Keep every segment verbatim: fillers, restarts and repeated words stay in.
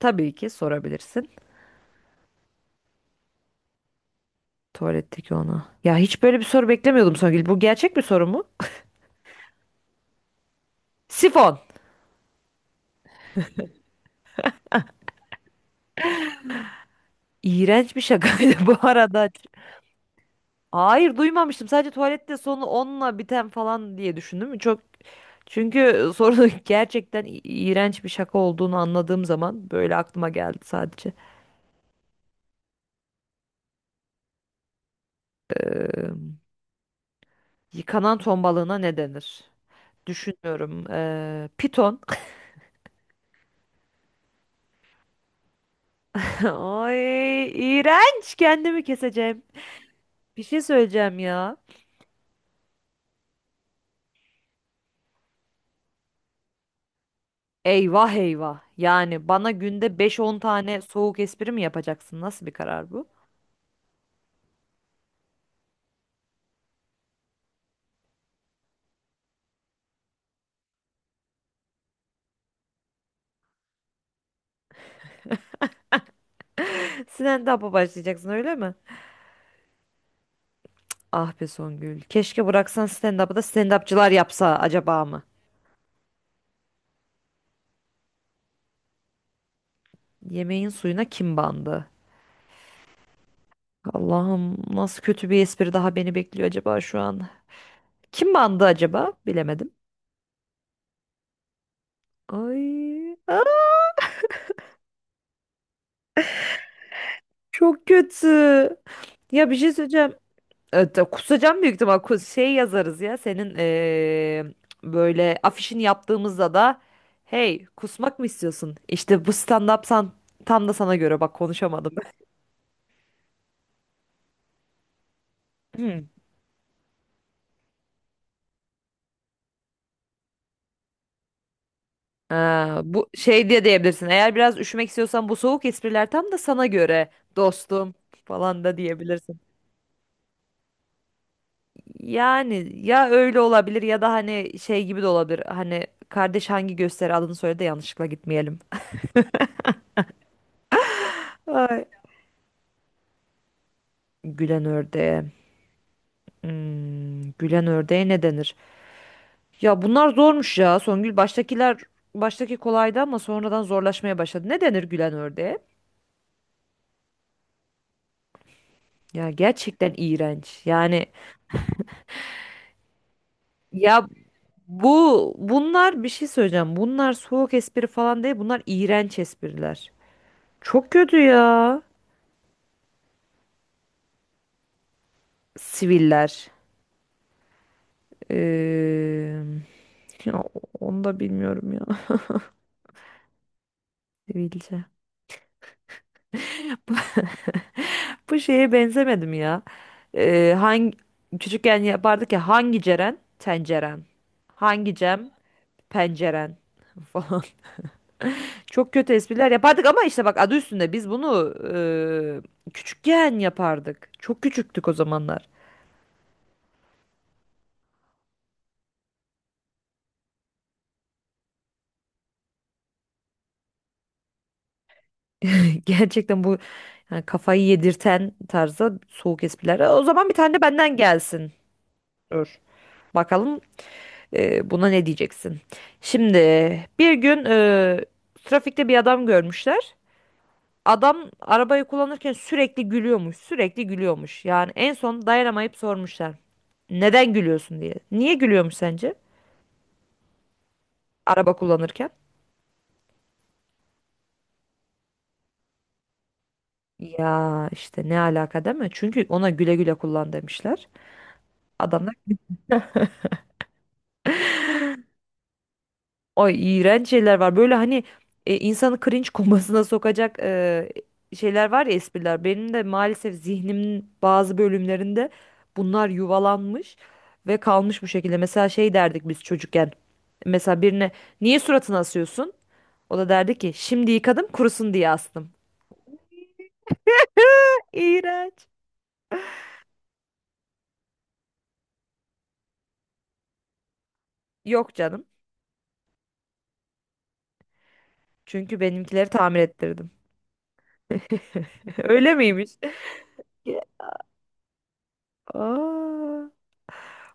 Tabii ki sorabilirsin. Tuvaletteki ona. Ya hiç böyle bir soru beklemiyordum Songül. Bu gerçek bir soru mu? Sifon. İğrenç bir şakaydı bu arada. Hayır duymamıştım. Sadece tuvalette sonu onunla biten falan diye düşündüm. Çok çünkü sorunun gerçekten i- iğrenç bir şaka olduğunu anladığım zaman böyle aklıma geldi sadece. Ee, Yıkanan ton balığına ne denir? Düşünüyorum. Ee, piton. Ay, iğrenç. Kendimi keseceğim. Bir şey söyleyeceğim ya. Eyvah eyvah. Yani bana günde beş on tane soğuk espri mi yapacaksın? Nasıl bir karar bu? Stand-up'a başlayacaksın öyle mi? Ah be Songül. Keşke bıraksan stand-up'ı da stand-upçılar yapsa acaba mı? Yemeğin suyuna kim bandı? Allah'ım, nasıl kötü bir espri daha beni bekliyor acaba şu an? Kim bandı acaba? Bilemedim. Ay, aa, çok kötü. Ya bir şey söyleyeceğim. Evet, e, kusacağım büyük ihtimal. Kus- Şey yazarız ya senin eee, böyle afişini yaptığımızda da hey, kusmak mı istiyorsun? İşte bu stand-up san- tam da sana göre, bak konuşamadım. Ha, bu şey diye diyebilirsin. Eğer biraz üşümek istiyorsan bu soğuk espriler tam da sana göre dostum falan da diyebilirsin. Yani ya öyle olabilir ya da hani şey gibi de olabilir. Hani kardeş, hangi gösteri adını söyle de yanlışlıkla gitmeyelim. Ay. Gülen ördeğe. Hmm, gülen ördeğe ne denir? Ya bunlar zormuş ya Songül. Baştakiler baştaki kolaydı ama sonradan zorlaşmaya başladı. Ne denir gülen ördeğe? Ya gerçekten iğrenç. Yani ya bu bunlar bir şey söyleyeceğim. Bunlar soğuk espri falan değil. Bunlar iğrenç espriler. Çok kötü ya. Siviller. Ee, Ya onu da bilmiyorum ya. Sivilce. Bu şeye benzemedim ya. Ee, hangi Küçükken yapardık ya, hangi Ceren? Tenceren. Hangi Cem? Penceren falan. Çok kötü espriler yapardık ama işte bak, adı üstünde biz bunu e, küçükken yapardık. Çok küçüktük o zamanlar. Gerçekten bu, yani kafayı yedirten tarzda soğuk espriler. O zaman bir tane de benden gelsin. Dur. Bakalım, e, buna ne diyeceksin? Şimdi bir gün, e, trafikte bir adam görmüşler. Adam arabayı kullanırken sürekli gülüyormuş, sürekli gülüyormuş. Yani en son dayanamayıp sormuşlar. Neden gülüyorsun diye. Niye gülüyormuş sence? Araba kullanırken. Ya işte, ne alaka değil mi? Çünkü ona güle güle kullan demişler. Adam da. Ay, iğrenç şeyler var. Böyle hani, e, insanı cringe komasına sokacak e, şeyler var ya, espriler. Benim de maalesef zihnimin bazı bölümlerinde bunlar yuvalanmış ve kalmış bu şekilde. Mesela şey derdik biz çocukken. Mesela birine, niye suratını asıyorsun? O da derdi ki, şimdi yıkadım kurusun diye astım. İğrenç. Yok canım. Çünkü benimkileri tamir ettirdim. Öyle miymiş? Aa,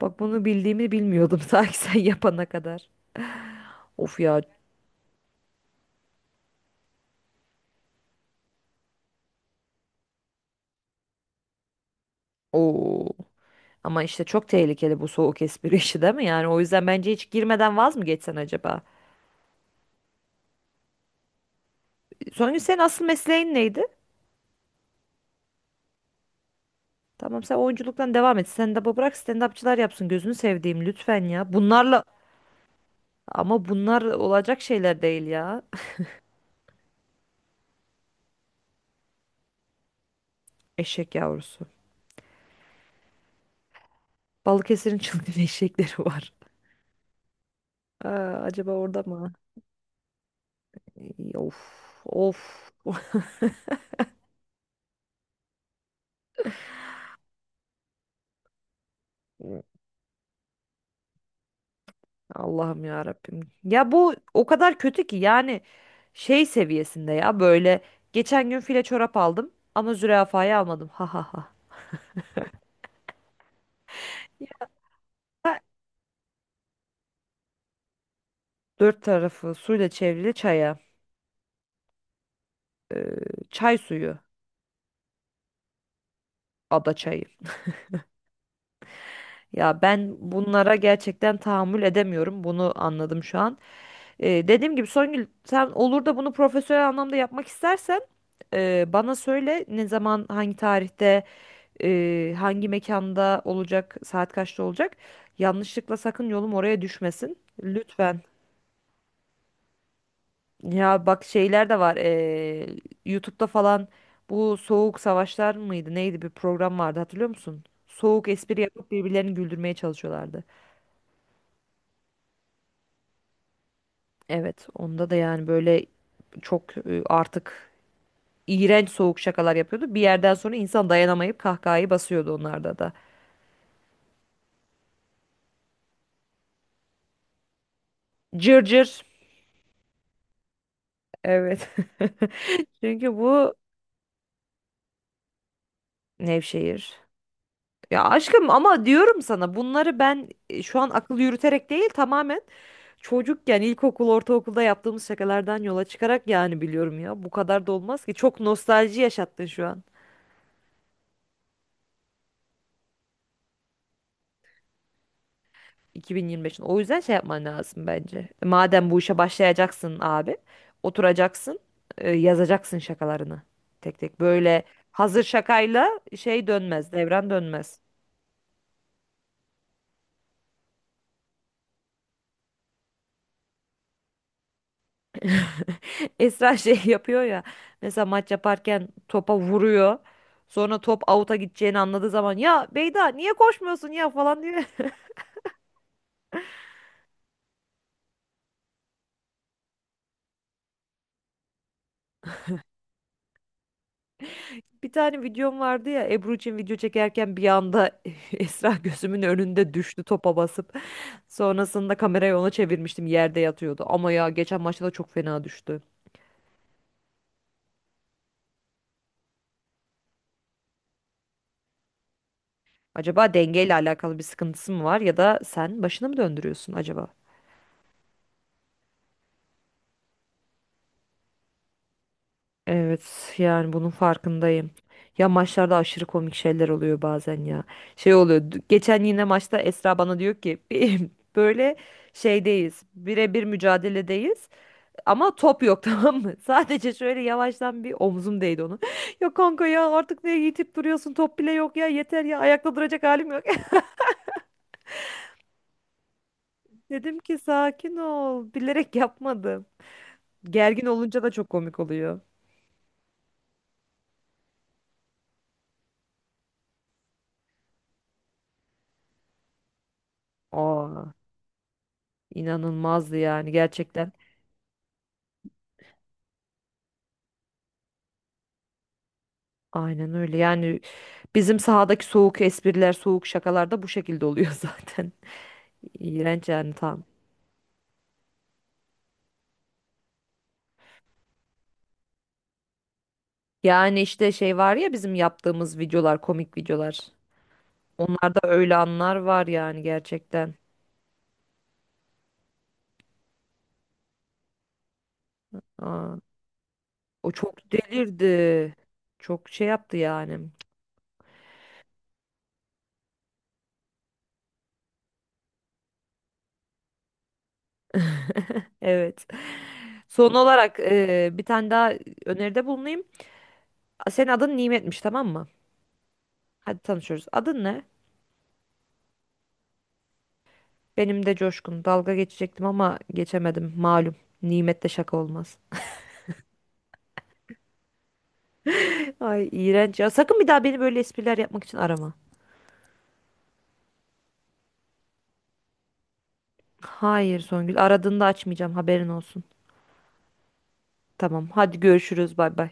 bak bunu bildiğimi bilmiyordum sanki, sen yapana kadar. Of ya. Oo. Ama işte çok tehlikeli bu soğuk espri işi değil mi? Yani o yüzden bence hiç girmeden vaz mı geçsen acaba? Songül, senin asıl mesleğin neydi? Tamam, sen oyunculuktan devam et. Stand-up'ı bırak, stand-upçılar yapsın. Gözünü sevdiğim, lütfen ya. Bunlarla ama bunlar olacak şeyler değil ya. Eşek yavrusu. Balıkesir'in çılgın eşekleri var. Aa, acaba orada mı? İy, of of. Allah'ım ya Rabbim. Ya bu o kadar kötü ki, yani şey seviyesinde ya, böyle geçen gün file çorap aldım ama zürafayı almadım. Ha ha ha. Ya. Dört tarafı suyla çevrili çaya. Çay suyu, ada çayı. Ya ben bunlara gerçekten tahammül edemiyorum. Bunu anladım şu an. Ee, dediğim gibi Songül, sen olur da bunu profesyonel anlamda yapmak istersen, e, bana söyle, ne zaman, hangi tarihte, e, hangi mekanda olacak, saat kaçta olacak. Yanlışlıkla sakın yolum oraya düşmesin. Lütfen. Ya bak şeyler de var. e, YouTube'da falan bu Soğuk Savaşlar mıydı? Neydi, bir program vardı, hatırlıyor musun? Soğuk espri yapıp birbirlerini güldürmeye çalışıyorlardı. Evet, onda da yani böyle çok e, artık iğrenç soğuk şakalar yapıyordu. Bir yerden sonra insan dayanamayıp kahkahayı basıyordu onlarda da. Cırcır. Evet. Çünkü bu. Nevşehir. Ya aşkım, ama diyorum sana bunları ben, e, şu an akıl yürüterek değil, tamamen çocukken ilkokul ortaokulda yaptığımız şakalardan yola çıkarak. Yani biliyorum ya, bu kadar da olmaz ki, çok nostalji yaşattın şu an. iki bin yirmi beşin, o yüzden şey yapman lazım bence. E, madem bu işe başlayacaksın abi, oturacaksın, e, yazacaksın şakalarını tek tek, böyle hazır şakayla şey dönmez, devran dönmez. Esra şey yapıyor ya. Mesela maç yaparken topa vuruyor. Sonra top out'a gideceğini anladığı zaman, ya Beyda niye koşmuyorsun ya falan diyor. Bir tane videom vardı ya, Ebru için video çekerken bir anda Esra gözümün önünde düştü topa basıp. Sonrasında kamerayı ona çevirmiştim, yerde yatıyordu. Ama ya geçen maçta da çok fena düştü. Acaba dengeyle alakalı bir sıkıntısı mı var, ya da sen başını mı döndürüyorsun acaba? Evet, yani bunun farkındayım. Ya maçlarda aşırı komik şeyler oluyor bazen ya. Şey oluyor. d- Geçen yine maçta Esra bana diyor ki "Bir- böyle şeydeyiz. Birebir mücadeledeyiz. Ama top yok tamam mı? Sadece şöyle yavaştan bir omzum değdi onu. Ya kanka ya, artık ne yitip duruyorsun? Top bile yok ya, yeter ya, ayakta duracak halim yok. Dedim ki, sakin ol. Bilerek yapmadım. Gergin olunca da çok komik oluyor. Aa, inanılmazdı yani gerçekten. Aynen öyle yani. Bizim sahadaki soğuk espriler, soğuk şakalar da bu şekilde oluyor zaten. İğrenç yani, tam. Yani işte şey var ya, bizim yaptığımız videolar, komik videolar. Onlarda öyle anlar var yani, gerçekten. Aa, o çok delirdi. Çok şey yaptı yani. Evet. Son olarak, e, bir tane daha öneride bulunayım. Senin adın Nimet'miş, tamam mı? Hadi tanışıyoruz. Adın ne? Benim de Coşkun. Dalga geçecektim ama geçemedim. Malum. Nimetle şaka olmaz. Ay iğrenç ya. Sakın bir daha beni böyle espriler yapmak için arama. Hayır Songül, aradığında açmayacağım, haberin olsun. Tamam, hadi görüşürüz. Bay bay.